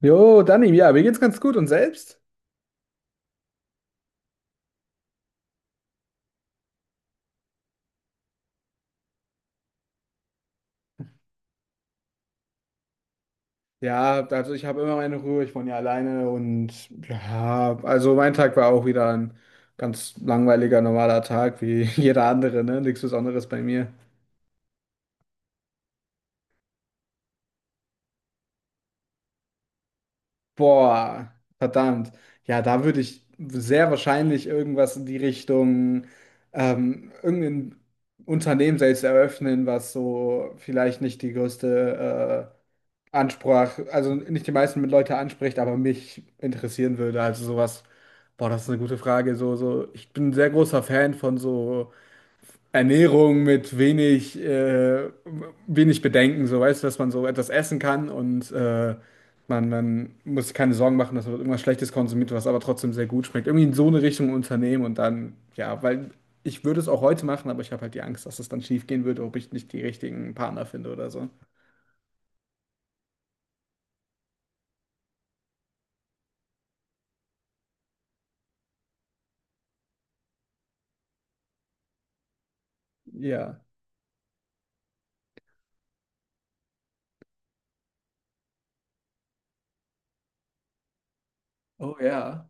Jo, Dani, ja, mir geht's ganz gut und selbst? Ja, also ich habe immer meine Ruhe, ich wohne ja alleine und ja, also mein Tag war auch wieder ein ganz langweiliger, normaler Tag wie jeder andere, ne? Nichts Besonderes bei mir. Boah, verdammt. Ja, da würde ich sehr wahrscheinlich irgendwas in die Richtung, irgendein Unternehmen selbst eröffnen, was so vielleicht nicht die größte Ansprach, also nicht die meisten Leute anspricht, aber mich interessieren würde. Also sowas, boah, das ist eine gute Frage. So, so, ich bin ein sehr großer Fan von so. Ernährung mit wenig, wenig Bedenken, so weißt du, dass man so etwas essen kann und man muss sich keine Sorgen machen, dass man irgendwas Schlechtes konsumiert, was aber trotzdem sehr gut schmeckt. Irgendwie in so eine Richtung Unternehmen und dann, ja, weil ich würde es auch heute machen, aber ich habe halt die Angst, dass es dann schief gehen würde, ob ich nicht die richtigen Partner finde oder so. Ja. Oh ja.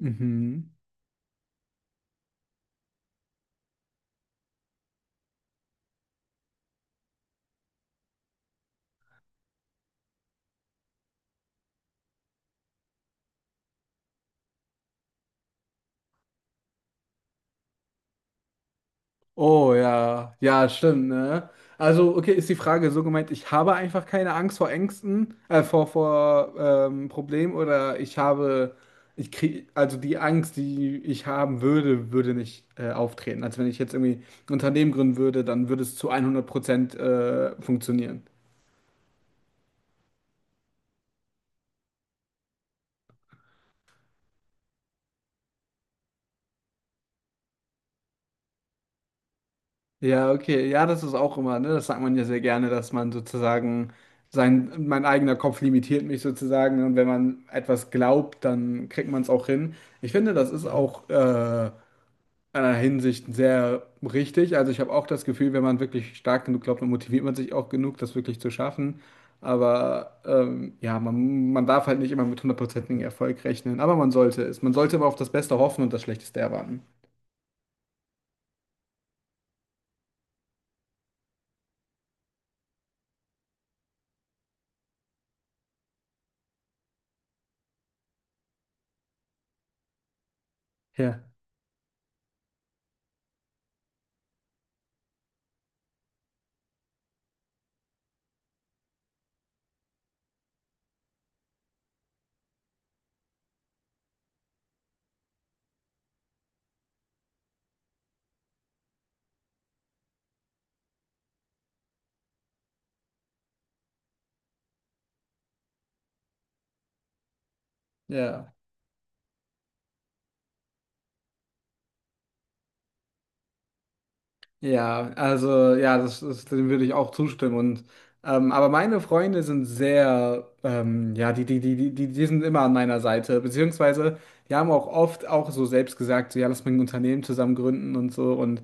Mhm. Oh ja, ja, stimmt, ne? Also, okay, ist die Frage so gemeint, ich habe einfach keine Angst vor Ängsten, vor, vor Problemen oder ich habe, ich krieg, also die Angst, die ich haben würde, würde nicht auftreten. Als wenn ich jetzt irgendwie ein Unternehmen gründen würde, dann würde es zu 100% funktionieren. Ja, okay. Ja, das ist auch immer, ne? Das sagt man ja sehr gerne, dass man sozusagen sein, mein eigener Kopf limitiert mich sozusagen. Und wenn man etwas glaubt, dann kriegt man es auch hin. Ich finde, das ist Mhm. auch in einer Hinsicht sehr richtig. Also ich habe auch das Gefühl, wenn man wirklich stark genug glaubt, dann motiviert man sich auch genug, das wirklich zu schaffen. Aber ja, man darf halt nicht immer mit hundertprozentigem Erfolg rechnen. Aber man sollte es. Man sollte aber auf das Beste hoffen und das Schlechteste erwarten. Ja. Ja. Ja, also ja, dem würde ich auch zustimmen. Und aber meine Freunde sind sehr, ja, die sind immer an meiner Seite, beziehungsweise die haben auch oft auch so selbst gesagt, so ja, lass mal ein Unternehmen zusammen gründen und so. Und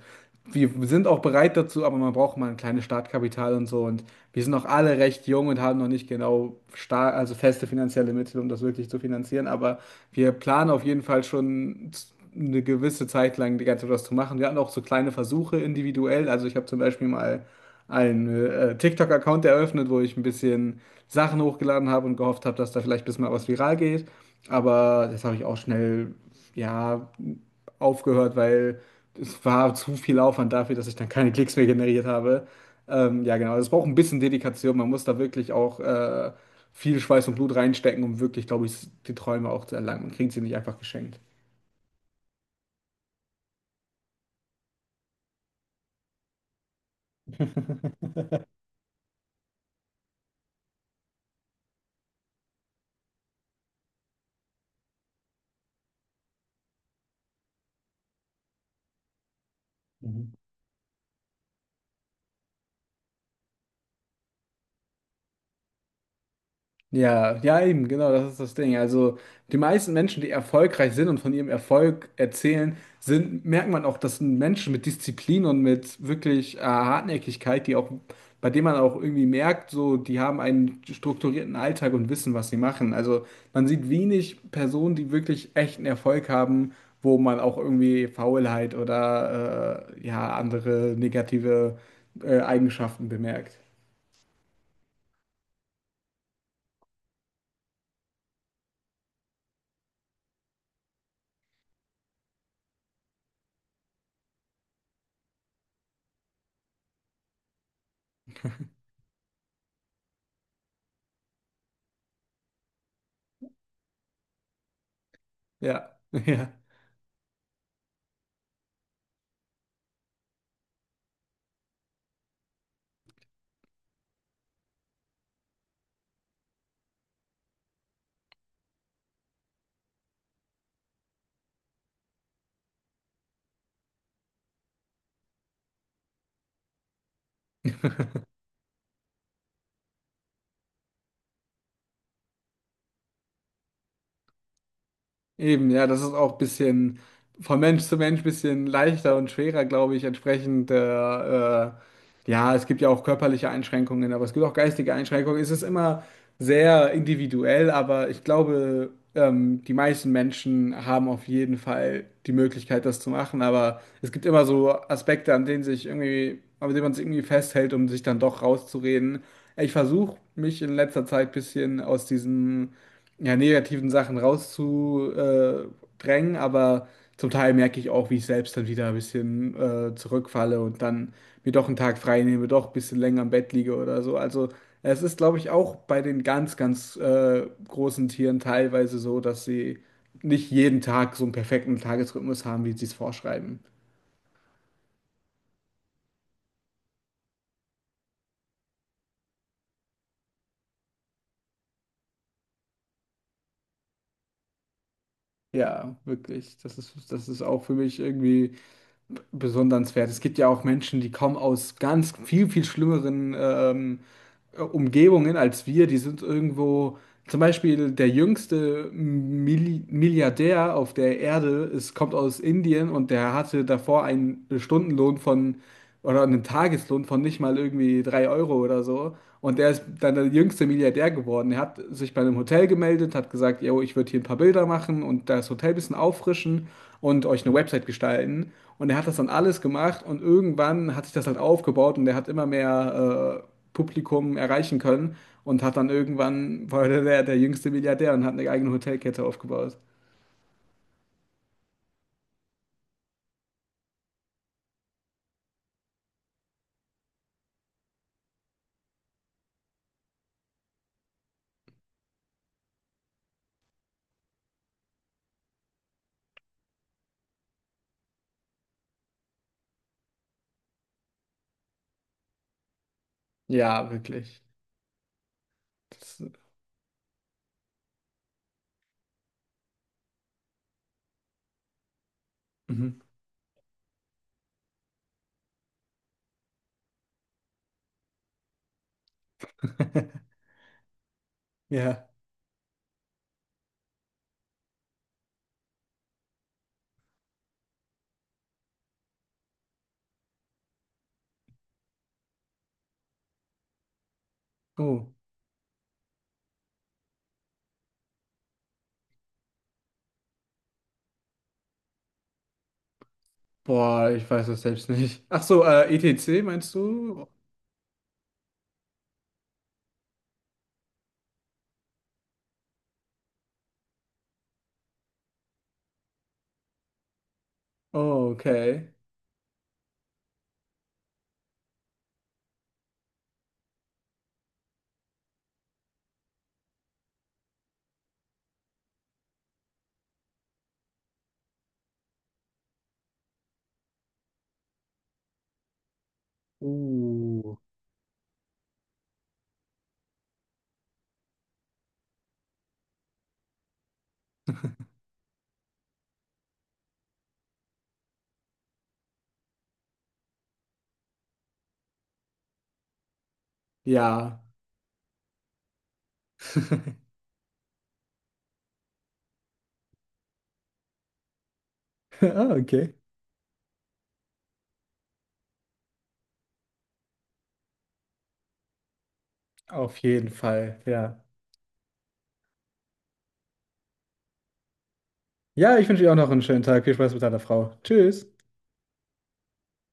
wir sind auch bereit dazu, aber man braucht mal ein kleines Startkapital und so. Und wir sind auch alle recht jung und haben noch nicht genau star also feste finanzielle Mittel, um das wirklich zu finanzieren. Aber wir planen auf jeden Fall schon eine gewisse Zeit lang die ganze Zeit was zu machen. Wir hatten auch so kleine Versuche individuell. Also ich habe zum Beispiel mal einen TikTok-Account eröffnet, wo ich ein bisschen Sachen hochgeladen habe und gehofft habe, dass da vielleicht ein bisschen mal was viral geht. Aber das habe ich auch schnell, ja, aufgehört, weil es war zu viel Aufwand dafür, dass ich dann keine Klicks mehr generiert habe. Ja, genau. Also es braucht ein bisschen Dedikation. Man muss da wirklich auch viel Schweiß und Blut reinstecken, um wirklich, glaube ich, die Träume auch zu erlangen. Man kriegt sie nicht einfach geschenkt. Mhm. Ja, ja, eben, genau, das ist das Ding. Also, die meisten Menschen, die erfolgreich sind und von ihrem Erfolg erzählen, sind, merkt man auch, das sind Menschen mit Disziplin und mit wirklich Hartnäckigkeit, die auch, bei denen man auch irgendwie merkt, so, die haben einen strukturierten Alltag und wissen, was sie machen. Also, man sieht wenig Personen, die wirklich echten Erfolg haben, wo man auch irgendwie Faulheit oder ja, andere negative Eigenschaften bemerkt. Ja, ja. Eben, ja, das ist auch ein bisschen von Mensch zu Mensch ein bisschen leichter und schwerer, glaube ich, entsprechend. Ja, es gibt ja auch körperliche Einschränkungen, aber es gibt auch geistige Einschränkungen. Es ist immer sehr individuell, aber ich glaube, die meisten Menschen haben auf jeden Fall die Möglichkeit, das zu machen. Aber es gibt immer so Aspekte, an denen sich irgendwie, an denen man sich irgendwie festhält, um sich dann doch rauszureden. Ich versuche mich in letzter Zeit ein bisschen aus diesem ja, negativen Sachen rauszudrängen, aber zum Teil merke ich auch, wie ich selbst dann wieder ein bisschen zurückfalle und dann mir doch einen Tag frei nehme, doch ein bisschen länger im Bett liege oder so. Also es ist, glaube ich, auch bei den ganz, ganz großen Tieren teilweise so, dass sie nicht jeden Tag so einen perfekten Tagesrhythmus haben, wie sie es vorschreiben. Ja, wirklich. Das ist auch für mich irgendwie besondernswert. Es gibt ja auch Menschen, die kommen aus ganz viel, viel schlimmeren Umgebungen als wir, die sind irgendwo, zum Beispiel der jüngste Milliardär auf der Erde, es kommt aus Indien und der hatte davor einen Stundenlohn von oder einen Tageslohn von nicht mal irgendwie 3 Euro oder so. Und der ist dann der jüngste Milliardär geworden. Er hat sich bei einem Hotel gemeldet, hat gesagt, yo, ich würde hier ein paar Bilder machen und das Hotel ein bisschen auffrischen und euch eine Website gestalten. Und er hat das dann alles gemacht und irgendwann hat sich das halt aufgebaut und er hat immer mehr Publikum erreichen können und hat dann irgendwann, war jüngste Milliardär und hat eine eigene Hotelkette aufgebaut. Ja, wirklich. Das, mhm. Ja. Oh. Boah, ich weiß das selbst nicht. Ach so, ETC meinst du? Oh, okay. Uh. Ja. Ah, okay. Auf jeden Fall, ja. Ja, ich wünsche dir auch noch einen schönen Tag. Viel Spaß mit deiner Frau. Tschüss.